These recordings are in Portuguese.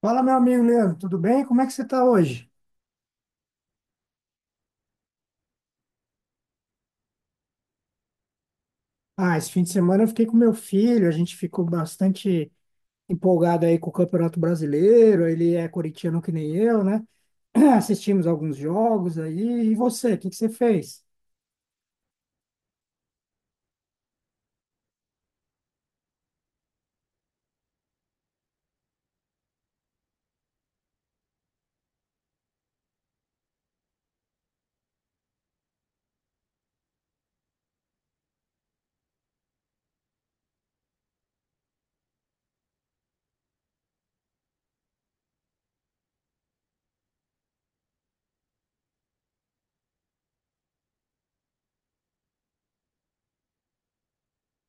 Fala, meu amigo Leandro, tudo bem? Como é que você está hoje? Ah, esse fim de semana eu fiquei com meu filho, a gente ficou bastante empolgado aí com o Campeonato Brasileiro, ele é corintiano que nem eu, né? Assistimos alguns jogos aí, e você, o que que você fez?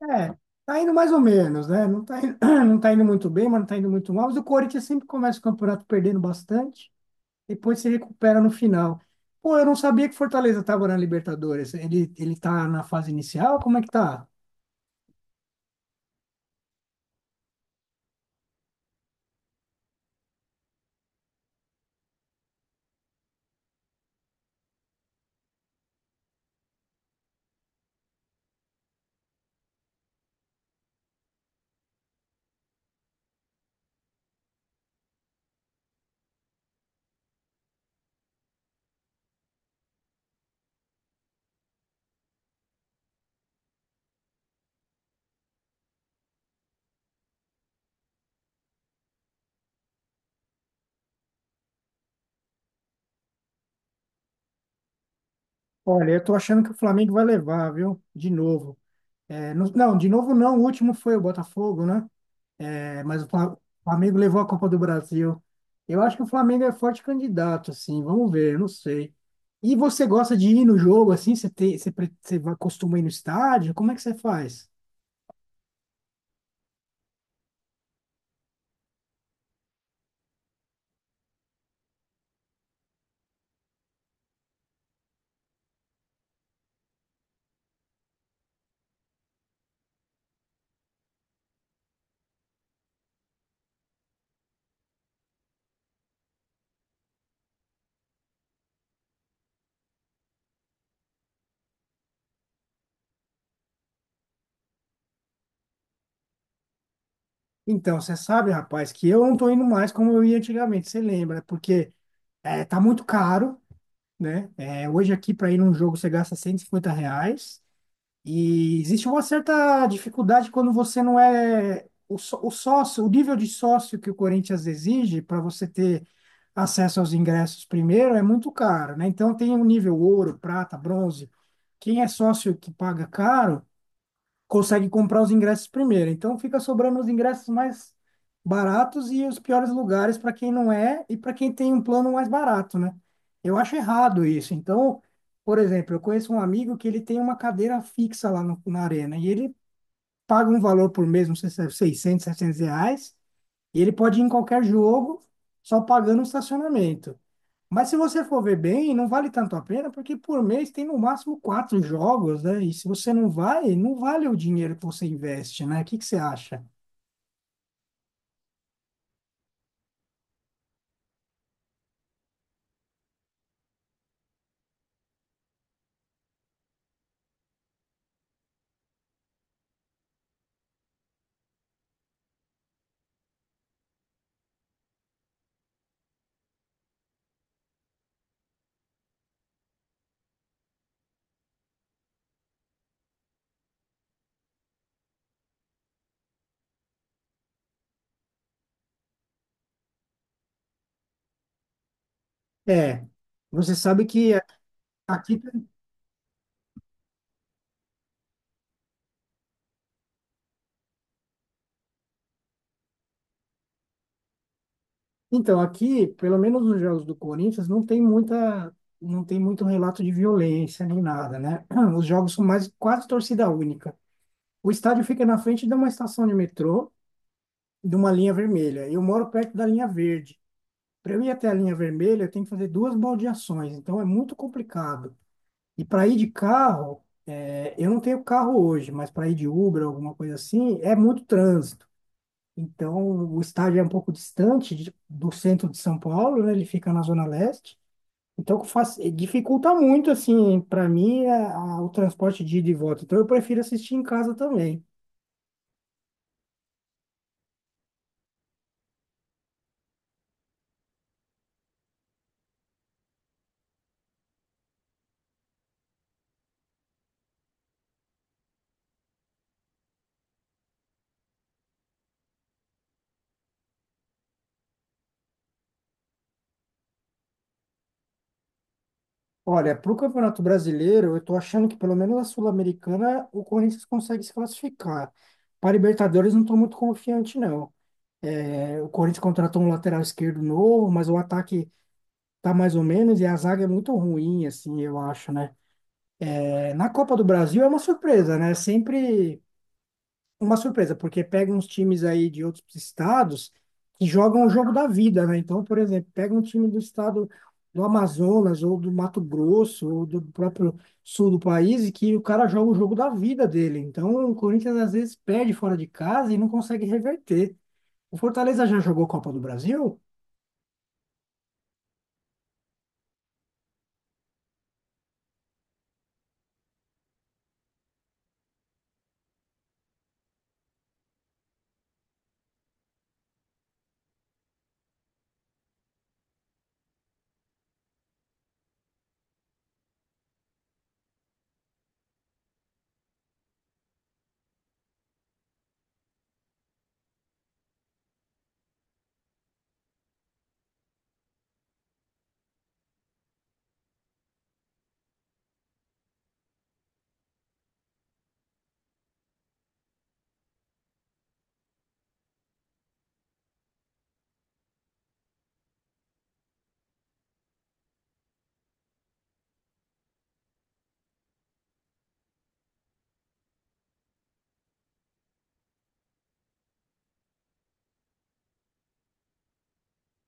É, tá indo mais ou menos, né? Não tá indo, não tá indo muito bem, mas não tá indo muito mal, mas o Corinthians sempre começa o campeonato perdendo bastante, depois se recupera no final. Pô, eu não sabia que Fortaleza estava na Libertadores, ele tá na fase inicial, como é que tá? Olha, eu tô achando que o Flamengo vai levar, viu? De novo. É, não, de novo não, o último foi o Botafogo, né? É, mas o Flamengo levou a Copa do Brasil. Eu acho que o Flamengo é forte candidato, assim, vamos ver, eu não sei. E você gosta de ir no jogo, assim? Você, tem, você, costuma ir no estádio? Como é que você faz? Então, você sabe, rapaz, que eu não tô indo mais como eu ia antigamente, você lembra? Porque é, tá muito caro, né? É, hoje aqui para ir num jogo você gasta R$ 150 e existe uma certa dificuldade quando você não é o sócio, o nível de sócio que o Corinthians exige para você ter acesso aos ingressos primeiro é muito caro, né? Então tem o nível ouro, prata, bronze. Quem é sócio que paga caro consegue comprar os ingressos primeiro. Então fica sobrando os ingressos mais baratos e os piores lugares para quem não é e para quem tem um plano mais barato, né? Eu acho errado isso. Então, por exemplo, eu conheço um amigo que ele tem uma cadeira fixa lá na arena e ele paga um valor por mês, não sei se é 600, R$ 700, e ele pode ir em qualquer jogo, só pagando o estacionamento. Mas se você for ver bem, não vale tanto a pena, porque por mês tem no máximo quatro jogos, né? E se você não vai, não vale o dinheiro que você investe, né? O que que você acha? É, você sabe que aqui, pelo menos nos jogos do Corinthians, não tem muito relato de violência nem nada, né? Os jogos são mais quase torcida única. O estádio fica na frente de uma estação de metrô, de uma linha vermelha. Eu moro perto da linha verde. Para eu ir até a linha vermelha, eu tenho que fazer duas baldeações, então é muito complicado. E para ir de carro, é, eu não tenho carro hoje, mas para ir de Uber, alguma coisa assim, é muito trânsito. Então, o estádio é um pouco distante do centro de São Paulo, né? Ele fica na Zona Leste. Então, faz, dificulta muito, assim, para mim, o transporte de ida e volta. Então, eu prefiro assistir em casa também. Olha, para o Campeonato Brasileiro, eu estou achando que pelo menos a Sul-Americana o Corinthians consegue se classificar. Para Libertadores, não estou muito confiante, não. É, o Corinthians contratou um lateral esquerdo novo, mas o ataque tá mais ou menos e a zaga é muito ruim, assim, eu acho, né? É, na Copa do Brasil é uma surpresa, né? Sempre uma surpresa, porque pega uns times aí de outros estados que jogam o jogo da vida, né? Então, por exemplo, pega um time do estado do Amazonas ou do Mato Grosso ou do próprio sul do país e que o cara joga o jogo da vida dele. Então, o Corinthians às vezes perde fora de casa e não consegue reverter. O Fortaleza já jogou Copa do Brasil?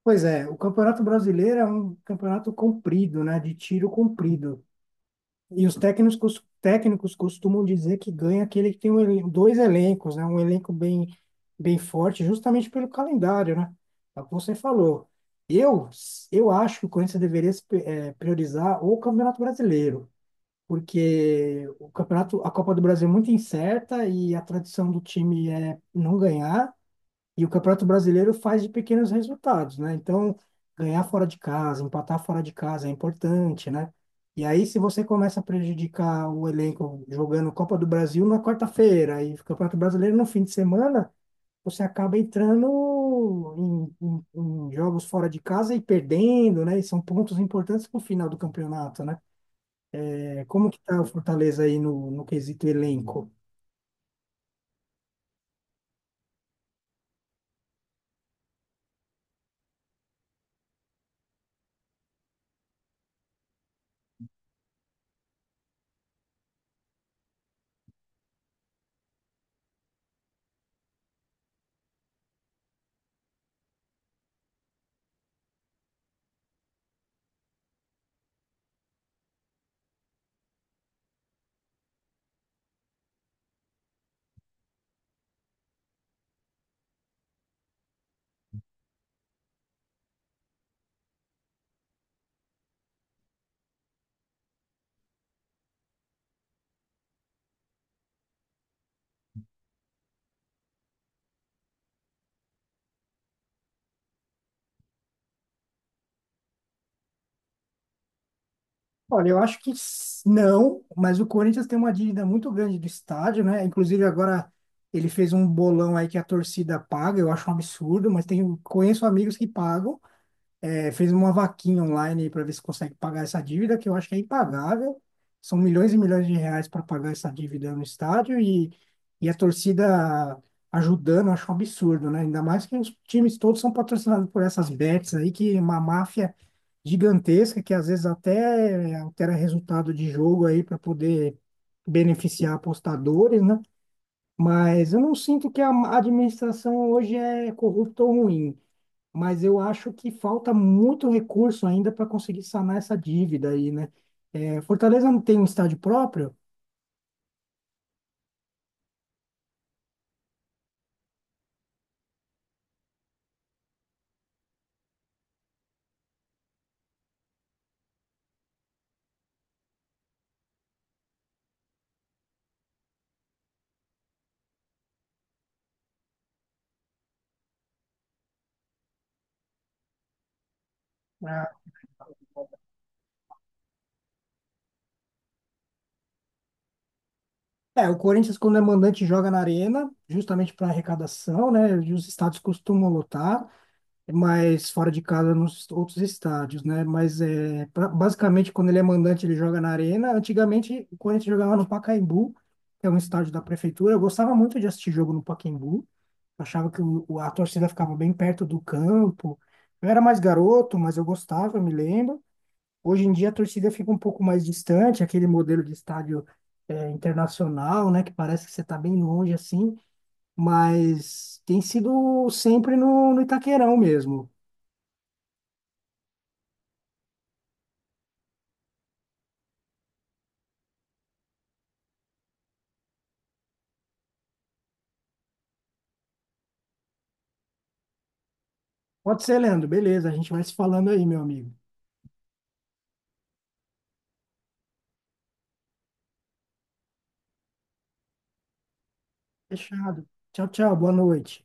Pois é, o Campeonato Brasileiro é um campeonato comprido, né? De tiro comprido. E os técnicos, técnicos costumam dizer que ganha aquele que tem dois elencos, né? Um elenco bem, bem forte, justamente pelo calendário, né? É o que você falou. Eu, eu acho que o Corinthians deveria se priorizar o Campeonato Brasileiro, porque o campeonato, a Copa do Brasil é muito incerta e a tradição do time é não ganhar. E o Campeonato Brasileiro faz de pequenos resultados, né? Então, ganhar fora de casa, empatar fora de casa é importante, né? E aí, se você começa a prejudicar o elenco jogando Copa do Brasil na quarta-feira e o Campeonato Brasileiro no fim de semana, você acaba entrando em jogos fora de casa e perdendo, né? E são pontos importantes para o final do campeonato, né? É, como que tá o Fortaleza aí no, no quesito elenco? Olha, eu acho que não, mas o Corinthians tem uma dívida muito grande do estádio, né? Inclusive agora ele fez um bolão aí que a torcida paga, eu acho um absurdo, mas conheço amigos que pagam é, fez uma vaquinha online para ver se consegue pagar essa dívida, que eu acho que é impagável. São milhões e milhões de reais para pagar essa dívida no estádio e a torcida ajudando, eu acho um absurdo, né? Ainda mais que os times todos são patrocinados por essas bets aí, que é uma máfia gigantesca que às vezes até altera resultado de jogo aí para poder beneficiar apostadores, né? Mas eu não sinto que a administração hoje é corrupta ou ruim, mas eu acho que falta muito recurso ainda para conseguir sanar essa dívida aí, né? É, Fortaleza não tem um estádio próprio. Ah, é, o Corinthians, quando é mandante, joga na arena, justamente para arrecadação, né? E os estádios costumam lotar. Mas fora de casa nos outros estádios, né? Mas é, pra- basicamente quando ele é mandante ele joga na arena. Antigamente o Corinthians jogava no Pacaembu, que é um estádio da prefeitura. Eu gostava muito de assistir jogo no Pacaembu. Achava que a torcida ficava bem perto do campo. Eu era mais garoto, mas eu gostava, eu me lembro. Hoje em dia a torcida fica um pouco mais distante, aquele modelo de estádio é, internacional, né? Que parece que você está bem longe assim. Mas tem sido sempre no Itaquerão mesmo. Pode ser, Leandro. Beleza, a gente vai se falando aí, meu amigo. Fechado. Tchau, tchau. Boa noite.